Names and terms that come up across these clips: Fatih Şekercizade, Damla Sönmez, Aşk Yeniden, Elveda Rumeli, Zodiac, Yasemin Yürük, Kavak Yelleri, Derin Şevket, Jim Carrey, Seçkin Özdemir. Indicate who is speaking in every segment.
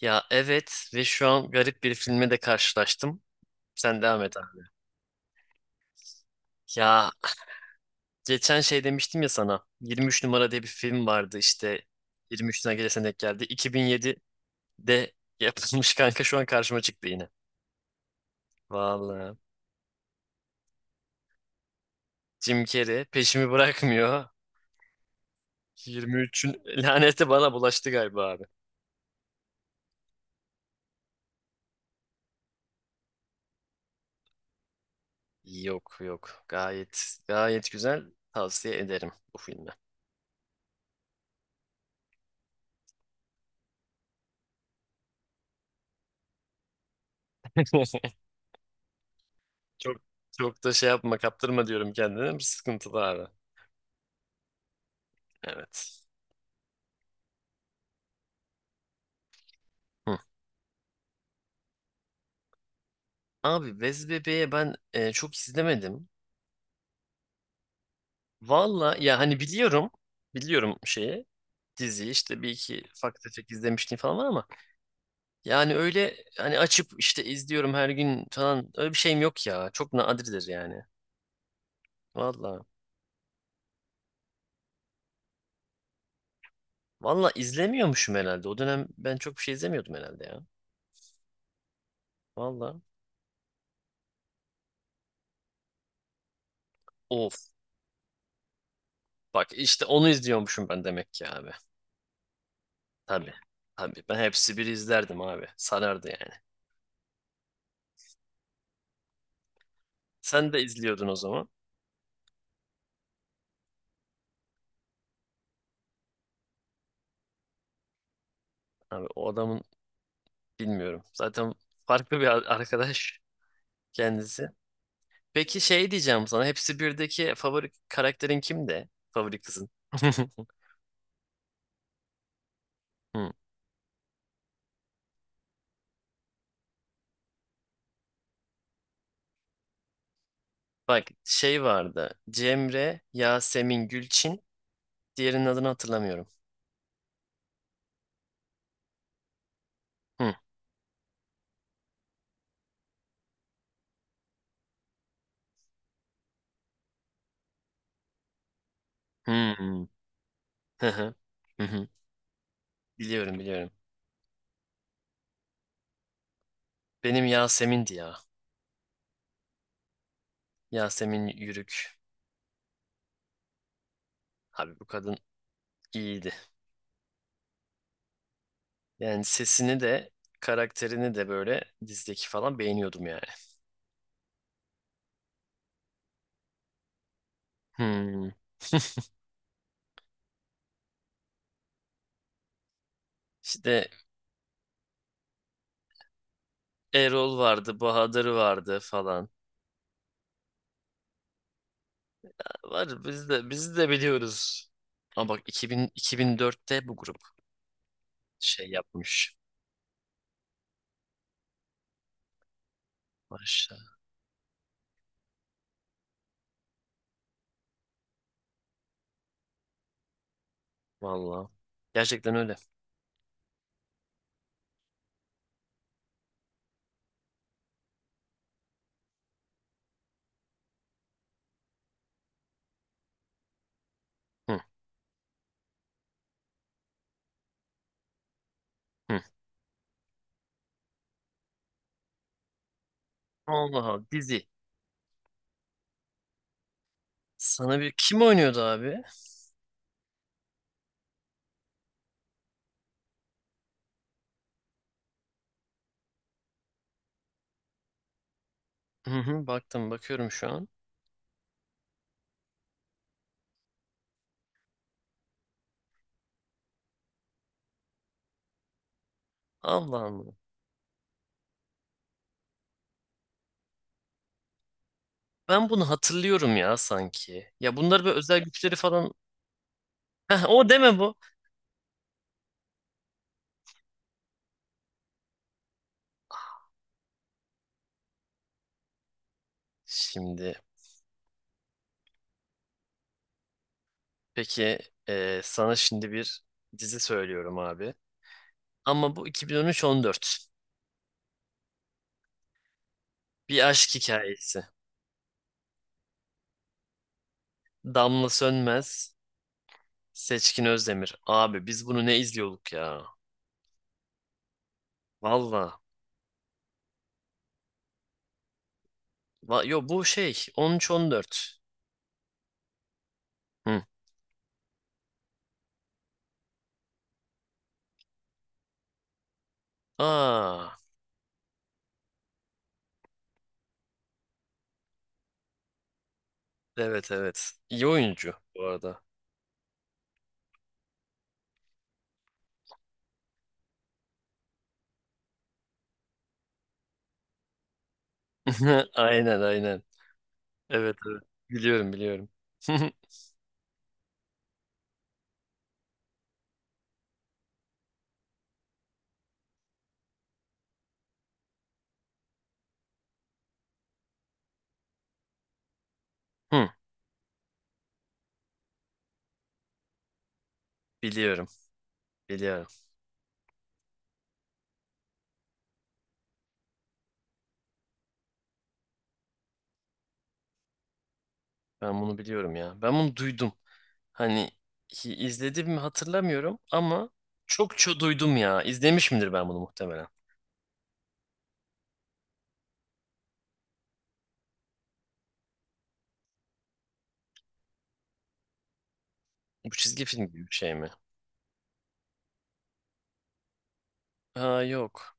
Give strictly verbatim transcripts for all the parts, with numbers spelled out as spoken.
Speaker 1: Ya, evet, ve şu an garip bir filme de karşılaştım. Sen devam et abi. Ya, geçen şey demiştim ya sana. yirmi üç numara diye bir film vardı işte. yirmi üçüne gelesen denk geldi. iki bin yedide yapılmış kanka, şu an karşıma çıktı yine. Vallahi. Jim Carrey peşimi bırakmıyor. yirmi üçün laneti bana bulaştı galiba abi. Yok, yok. Gayet gayet güzel. Tavsiye ederim bu filmi. Çok çok da şey yapma, kaptırma diyorum kendine. Sıkıntılı abi. Evet. Hı. Abi, Bez Bebe'ye ben e, çok izlemedim. Valla ya, hani biliyorum. Biliyorum şeyi. Diziyi işte bir iki ufak tefek izlemiştim falan var ama yani öyle hani açıp işte izliyorum her gün falan, öyle bir şeyim yok ya. Çok nadirdir yani. Valla. Valla izlemiyormuşum herhalde. O dönem ben çok bir şey izlemiyordum herhalde ya. Valla. Of. Bak işte onu izliyormuşum ben demek ki abi. Tabii. Tabii. Ben hepsi bir izlerdim abi. Sarardı yani. Sen de izliyordun o zaman. Abi o adamın... Bilmiyorum. Zaten farklı bir ar- arkadaş kendisi. Peki şey diyeceğim sana. Hepsi birdeki favori karakterin kimdi? Favori kızın. Hı. Bak şey vardı. Cemre, Yasemin, Gülçin. Diğerinin adını hatırlamıyorum. Hı. Hı. Hı hı. Hı hı. Biliyorum, biliyorum. Benim Yasemin'di ya. Yasemin Yürük. Abi bu kadın iyiydi. Yani sesini de karakterini de böyle dizdeki falan beğeniyordum yani. Hmm. İşte Erol vardı, Bahadır vardı falan. Var, biz de biz de biliyoruz. Ama bak iki bin, iki bin dörtte bu grup şey yapmış. Maşallah. Vallahi. Gerçekten öyle. Hı, hı. Allah Allah dizi. Sana bir Kim oynuyordu abi? Hı hı, baktım bakıyorum şu an. Allah Allah. Ben bunu hatırlıyorum ya sanki. Ya bunlar böyle özel güçleri falan. Heh, o deme bu. Şimdi peki, e, sana şimdi bir dizi söylüyorum abi. Ama bu iki bin on üç-on dört. Bir aşk hikayesi. Damla Sönmez, Seçkin Özdemir. Abi biz bunu ne izliyorduk ya? Valla. Va yo bu şey on üç on dört. Hı. Aa, evet, evet. İyi oyuncu bu arada. Aynen, aynen. Evet, evet. Biliyorum, biliyorum. Hı, biliyorum, biliyorum. Ben bunu biliyorum ya. Ben bunu duydum. Hani hi- izledim mi hatırlamıyorum ama çok çok duydum ya. İzlemiş midir ben bunu muhtemelen? Bu çizgi film gibi bir şey mi? Ha yok.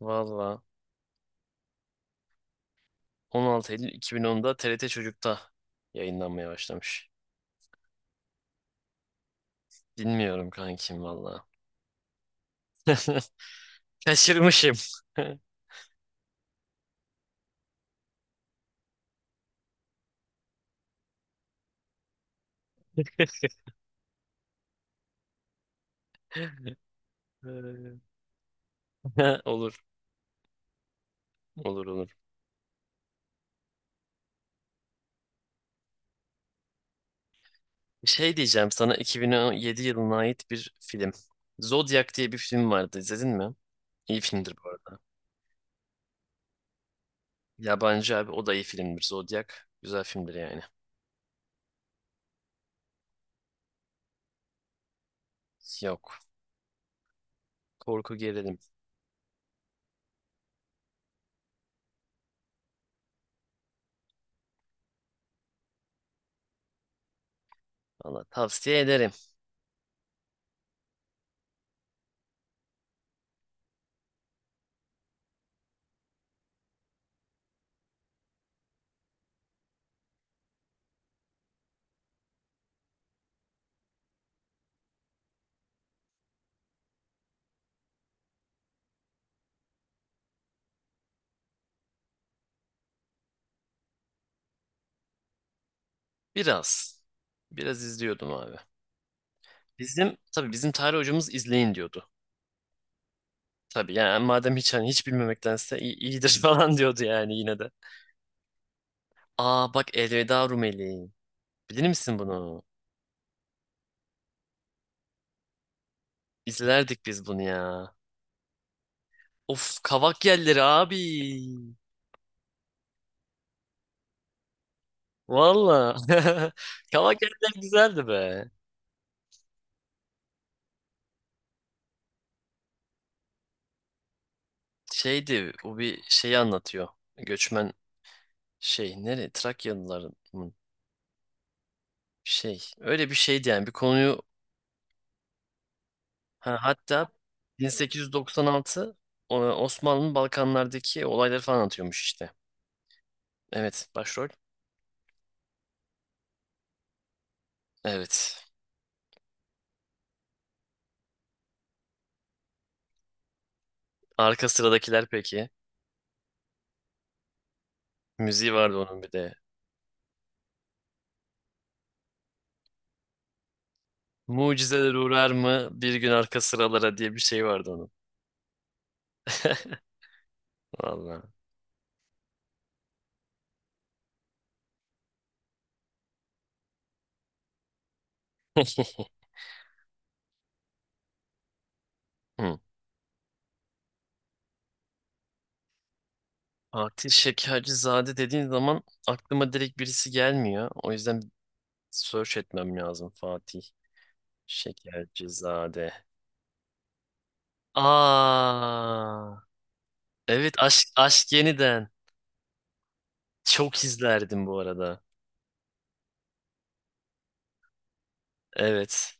Speaker 1: Valla on altı Eylül iki bin onda T R T Çocuk'ta yayınlanmaya başlamış. Bilmiyorum kankim valla. Kaçırmışım. Olur, olur, olur. Şey diyeceğim sana iki bin on yedi yılına ait bir film. Zodiac diye bir film vardı. İzledin mi? İyi filmdir bu arada. Yabancı abi, o da iyi filmdir. Zodiac güzel filmdir yani. Yok. Korku gerilim. Valla tavsiye ederim. Biraz. Biraz izliyordum abi. Bizim, tabii, bizim tarih hocamız izleyin diyordu. Tabii yani, madem hiç hani hiç bilmemektense iyi- iyidir falan diyordu yani yine de. Aa bak, Elveda Rumeli. Bilir misin bunu? İzlerdik biz bunu ya. Of, kavak yelleri abi. Valla. Kavak yeller güzeldi be. Şeydi bu, bir şeyi anlatıyor. Göçmen şey, nere, Trakyalıların mı? Şey öyle bir şeydi yani, bir konuyu. Ha, hatta bin sekiz yüz doksan altı o- Osmanlı'nın Balkanlardaki olayları falan atıyormuş işte. Evet, başrol. Evet. Arka sıradakiler peki. Müziği vardı onun bir de. Mucizeler uğrar mı bir gün arka sıralara diye bir şey vardı onun. Vallahi. Hı. Fatih Şekercizade dediğin zaman aklıma direkt birisi gelmiyor. O yüzden search etmem lazım Fatih Şekercizade. Aa, evet, aşk aşk yeniden. Çok izlerdim bu arada. Evet.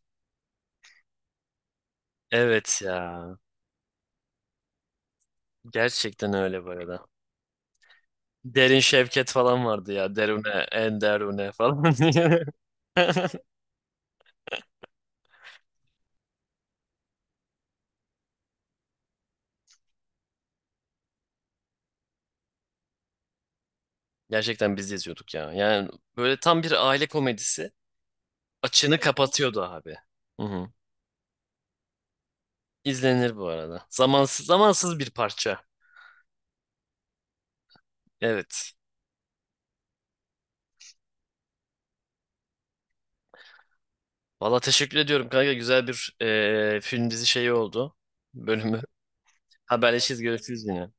Speaker 1: Evet ya. Gerçekten öyle bu arada. Derin Şevket falan vardı ya. Derune, en derune falan diye. Gerçekten biz yazıyorduk ya. Yani böyle tam bir aile komedisi. Açığını kapatıyordu abi. Hı hı. İzlenir bu arada. Zamansız, zamansız bir parça. Evet. Valla teşekkür ediyorum kanka. Güzel bir eee film dizi şeyi oldu. Bölümü. Haberleşiriz. Görüşürüz yine.